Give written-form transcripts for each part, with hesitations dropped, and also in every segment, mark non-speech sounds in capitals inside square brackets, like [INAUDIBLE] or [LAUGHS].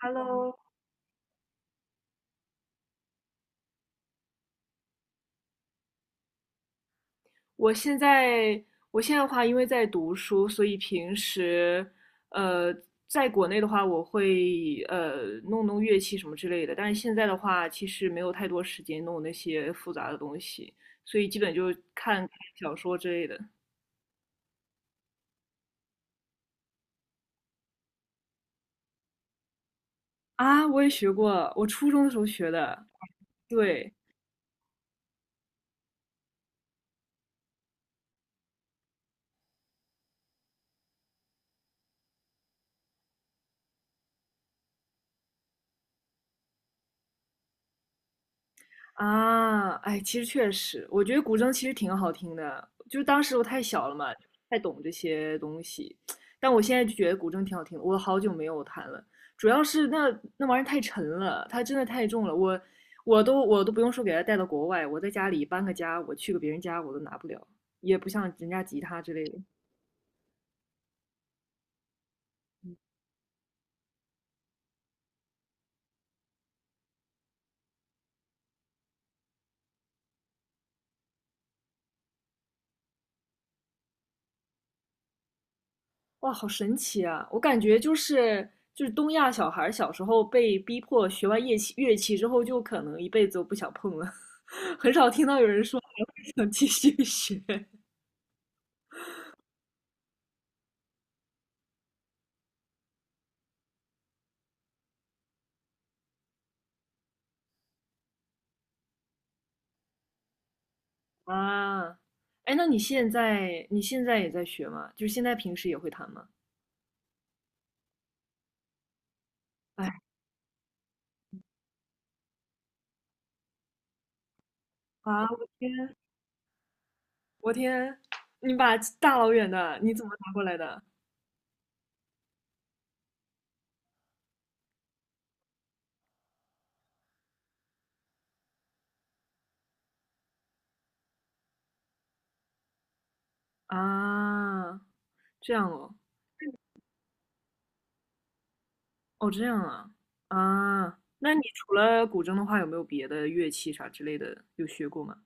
Hello，我现在我现在的话，因为在读书，所以平时呃，在国内的话，我会弄弄乐器什么之类的。但是现在的话，其实没有太多时间弄那些复杂的东西，所以基本就看看小说之类的。啊，我也学过，我初中的时候学的。对，啊，哎，其实确实，我觉得古筝其实挺好听的，就是当时我太小了嘛，太懂这些东西。但我现在就觉得古筝挺好听的，我好久没有弹了，主要是那玩意儿太沉了，它真的太重了，我都不用说给它带到国外，我在家里搬个家，我去个别人家我都拿不了，也不像人家吉他之类的。哇，好神奇啊！我感觉就是东亚小孩儿小时候被逼迫学完乐器之后，就可能一辈子都不想碰了，[LAUGHS] 很少听到有人说还会想 [LAUGHS] 继续学啊。哎，那你现在也在学吗？就是现在平时也会弹吗？哎啊，我天，我天，你把大老远的你怎么拿过来的啊？这样哦，哦，这样啊，啊，那你除了古筝的话，有没有别的乐器啥之类的有学过吗？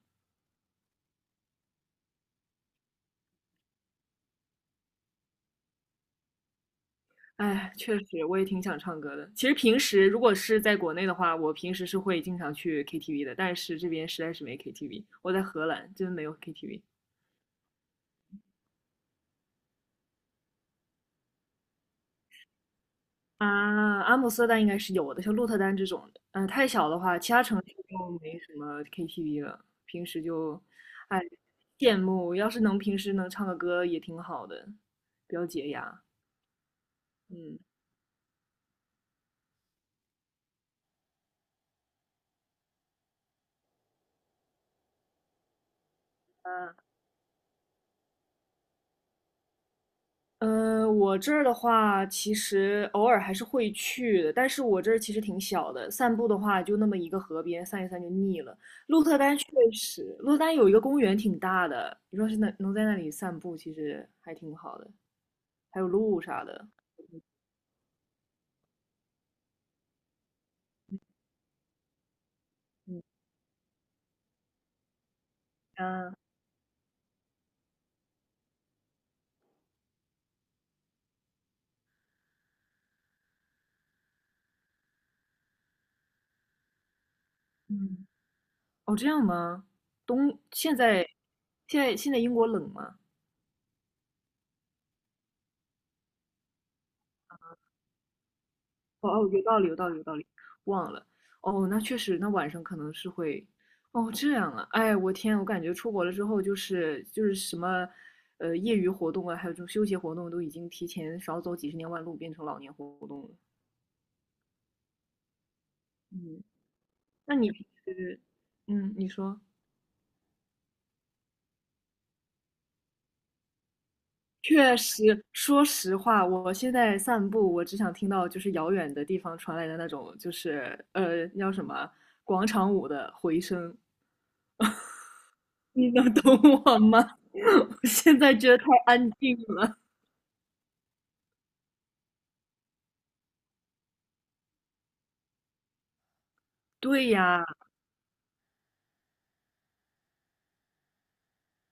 哎，确实，我也挺想唱歌的。其实平时如果是在国内的话，我平时是会经常去 KTV 的，但是这边实在是没 KTV。我在荷兰，真没有 KTV 啊。阿姆斯特丹应该是有的，像鹿特丹这种的，嗯、太小的话，其他城市就没什么 KTV 了。平时就，哎，羡慕，要是能平时能唱个歌也挺好的，比较解压。嗯。我这儿的话，其实偶尔还是会去的，但是我这儿其实挺小的，散步的话就那么一个河边，散一散就腻了。鹿特丹确鹿特丹有一个公园挺大的，你说是能在那里散步，其实还挺好的，还有鹿啥的。嗯啊，嗯，哦，这样吗？冬，现在英国冷吗？哦哦，有道理，有道理，有道理，忘了。哦，那确实，那晚上可能是会，哦，这样啊，哎，我天，我感觉出国了之后，就是什么，业余活动啊，还有这种休闲活动，都已经提前少走几十年弯路，变成老年活动了。嗯，那你平时，嗯，你说。确实，说实话，我现在散步，我只想听到就是遥远的地方传来的那种，就是那叫什么广场舞的回声。你能懂我吗？[LAUGHS] 我现在觉得太安静了。对呀，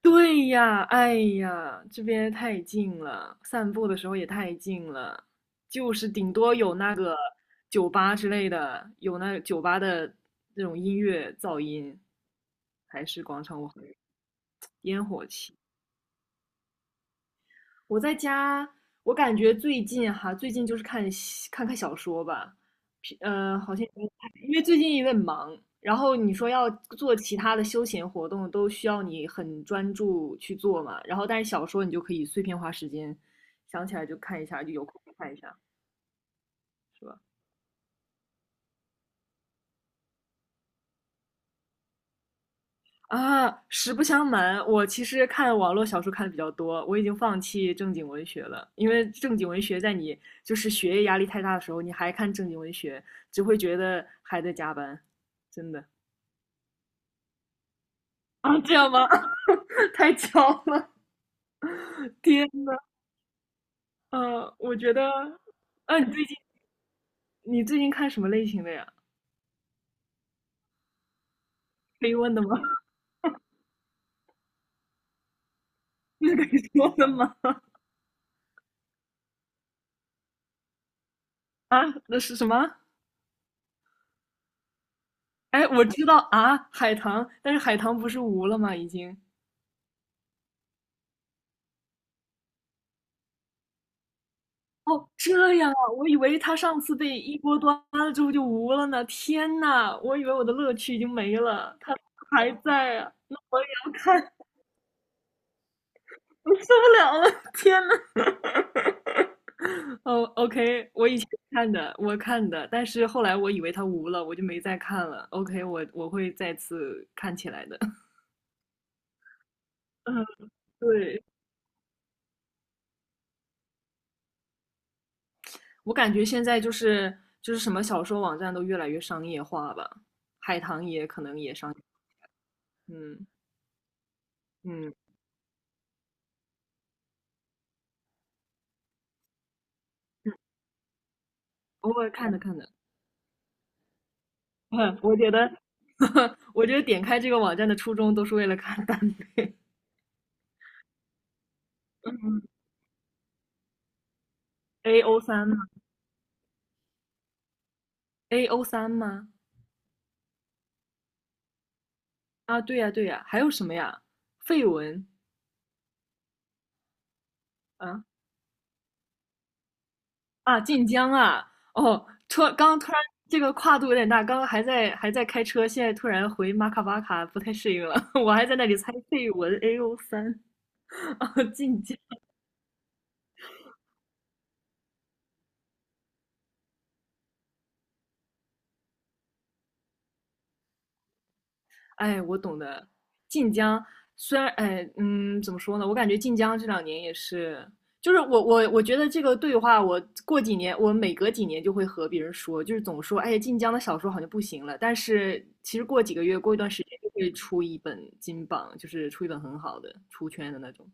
对呀，哎呀，这边太近了，散步的时候也太近了，就是顶多有那个酒吧之类的，有那酒吧的那种音乐噪音，还是广场舞烟火气。我在家，我感觉最近哈，最近就是看看小说吧，好像因为最近有点忙，然后你说要做其他的休闲活动，都需要你很专注去做嘛，然后但是小说你就可以碎片化时间，想起来就看一下，就有空就看一下，是吧？啊，实不相瞒，我其实看网络小说看的比较多，我已经放弃正经文学了，因为正经文学在你就是学业压力太大的时候，你还看正经文学，只会觉得还在加班，真的。啊，这样吗？[LAUGHS] 太巧了，天呐，我觉得，啊，你最近看什么类型的呀？可以问的吗？[LAUGHS] 那可以说的吗？啊，那是什么？哎，我知道啊，海棠，但是海棠不是无了吗？已经。哦，这样啊，我以为他上次被一锅端了之后就无了呢。天呐，我以为我的乐趣已经没了，他还在啊，那我也要看，我受不了了，天呐。哦，OK，我以前看的，我看的，但是后来我以为他无了，我就没再看了。OK，我会再次看起来的。[LAUGHS] 嗯，对，我感觉现在就是什么小说网站都越来越商业化吧，海棠也可能也商业，嗯嗯，偶尔看着看着。[LAUGHS] 嗯，我觉得，[LAUGHS] 我觉得点开这个网站的初衷都是为了看单飞。[LAUGHS] A O 三吗？A O 三吗？啊，对呀，对呀，还有什么呀？绯文，啊啊，晋江啊！哦，突然这个跨度有点大，刚刚还在开车，现在突然回马卡巴卡，不太适应了。[LAUGHS] 我还在那里猜绯文 A O 三啊，晋江。哎，我懂的。晋江虽然，哎，嗯，怎么说呢？我感觉晋江这两年也是，就是我觉得这个对话，我过几年，我每隔几年就会和别人说，就是总说，哎，晋江的小说好像不行了。但是其实过几个月，过一段时间就会出一本金榜，就是出一本很好的出圈的那种。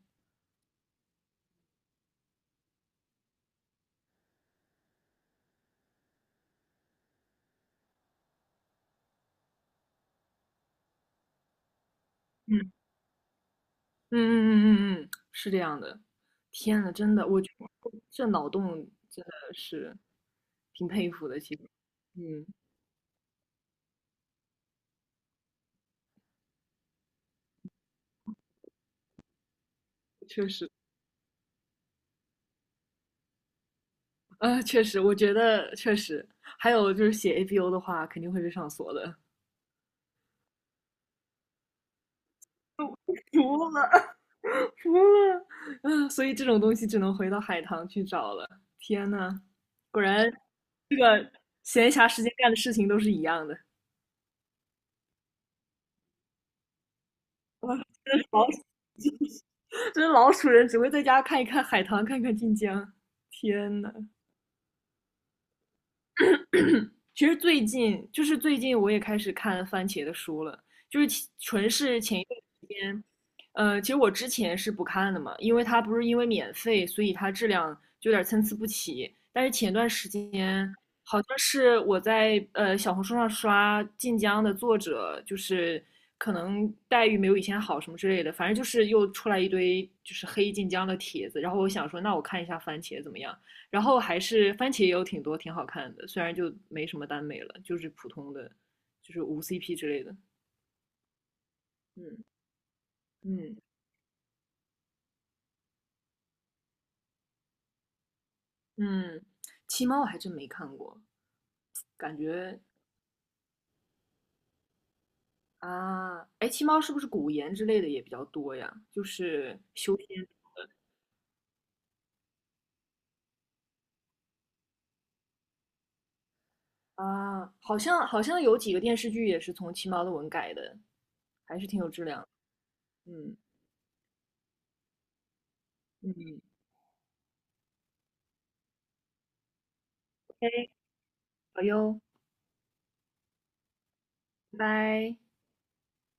嗯嗯嗯，是这样的。天呐，真的，我觉得这脑洞真的是挺佩服的，其实，嗯，确实。确实，我觉得确实，还有就是写 APO 的话，肯定会被上锁的。[LAUGHS] 服了，服了，[LAUGHS] 嗯，所以这种东西只能回到海棠去找了。天呐，果然闲暇时间干的事情都是一样的。真是老，真是老鼠人只会在家看一看海棠，看看晋江。天呐，其实最近我也开始看番茄的书了，就是其纯是前一段时间，其实我之前是不看的嘛，因为它不是因为免费，所以它质量就有点参差不齐。但是前段时间好像是我在小红书上刷晋江的作者，就是可能待遇没有以前好什么之类的，反正就是又出来一堆就是黑晋江的帖子，然后我想说那我看一下番茄怎么样。然后还是番茄也有挺多挺好看的，虽然就没什么耽美了，就是普通的，就是无 CP 之类的。嗯嗯嗯，七猫我还真没看过，感觉啊，哎，七猫是不是古言之类的也比较多呀？就是修仙啊，好像好像有几个电视剧也是从七猫的文改的，还是挺有质量的。嗯嗯，哎，好哟，拜拜。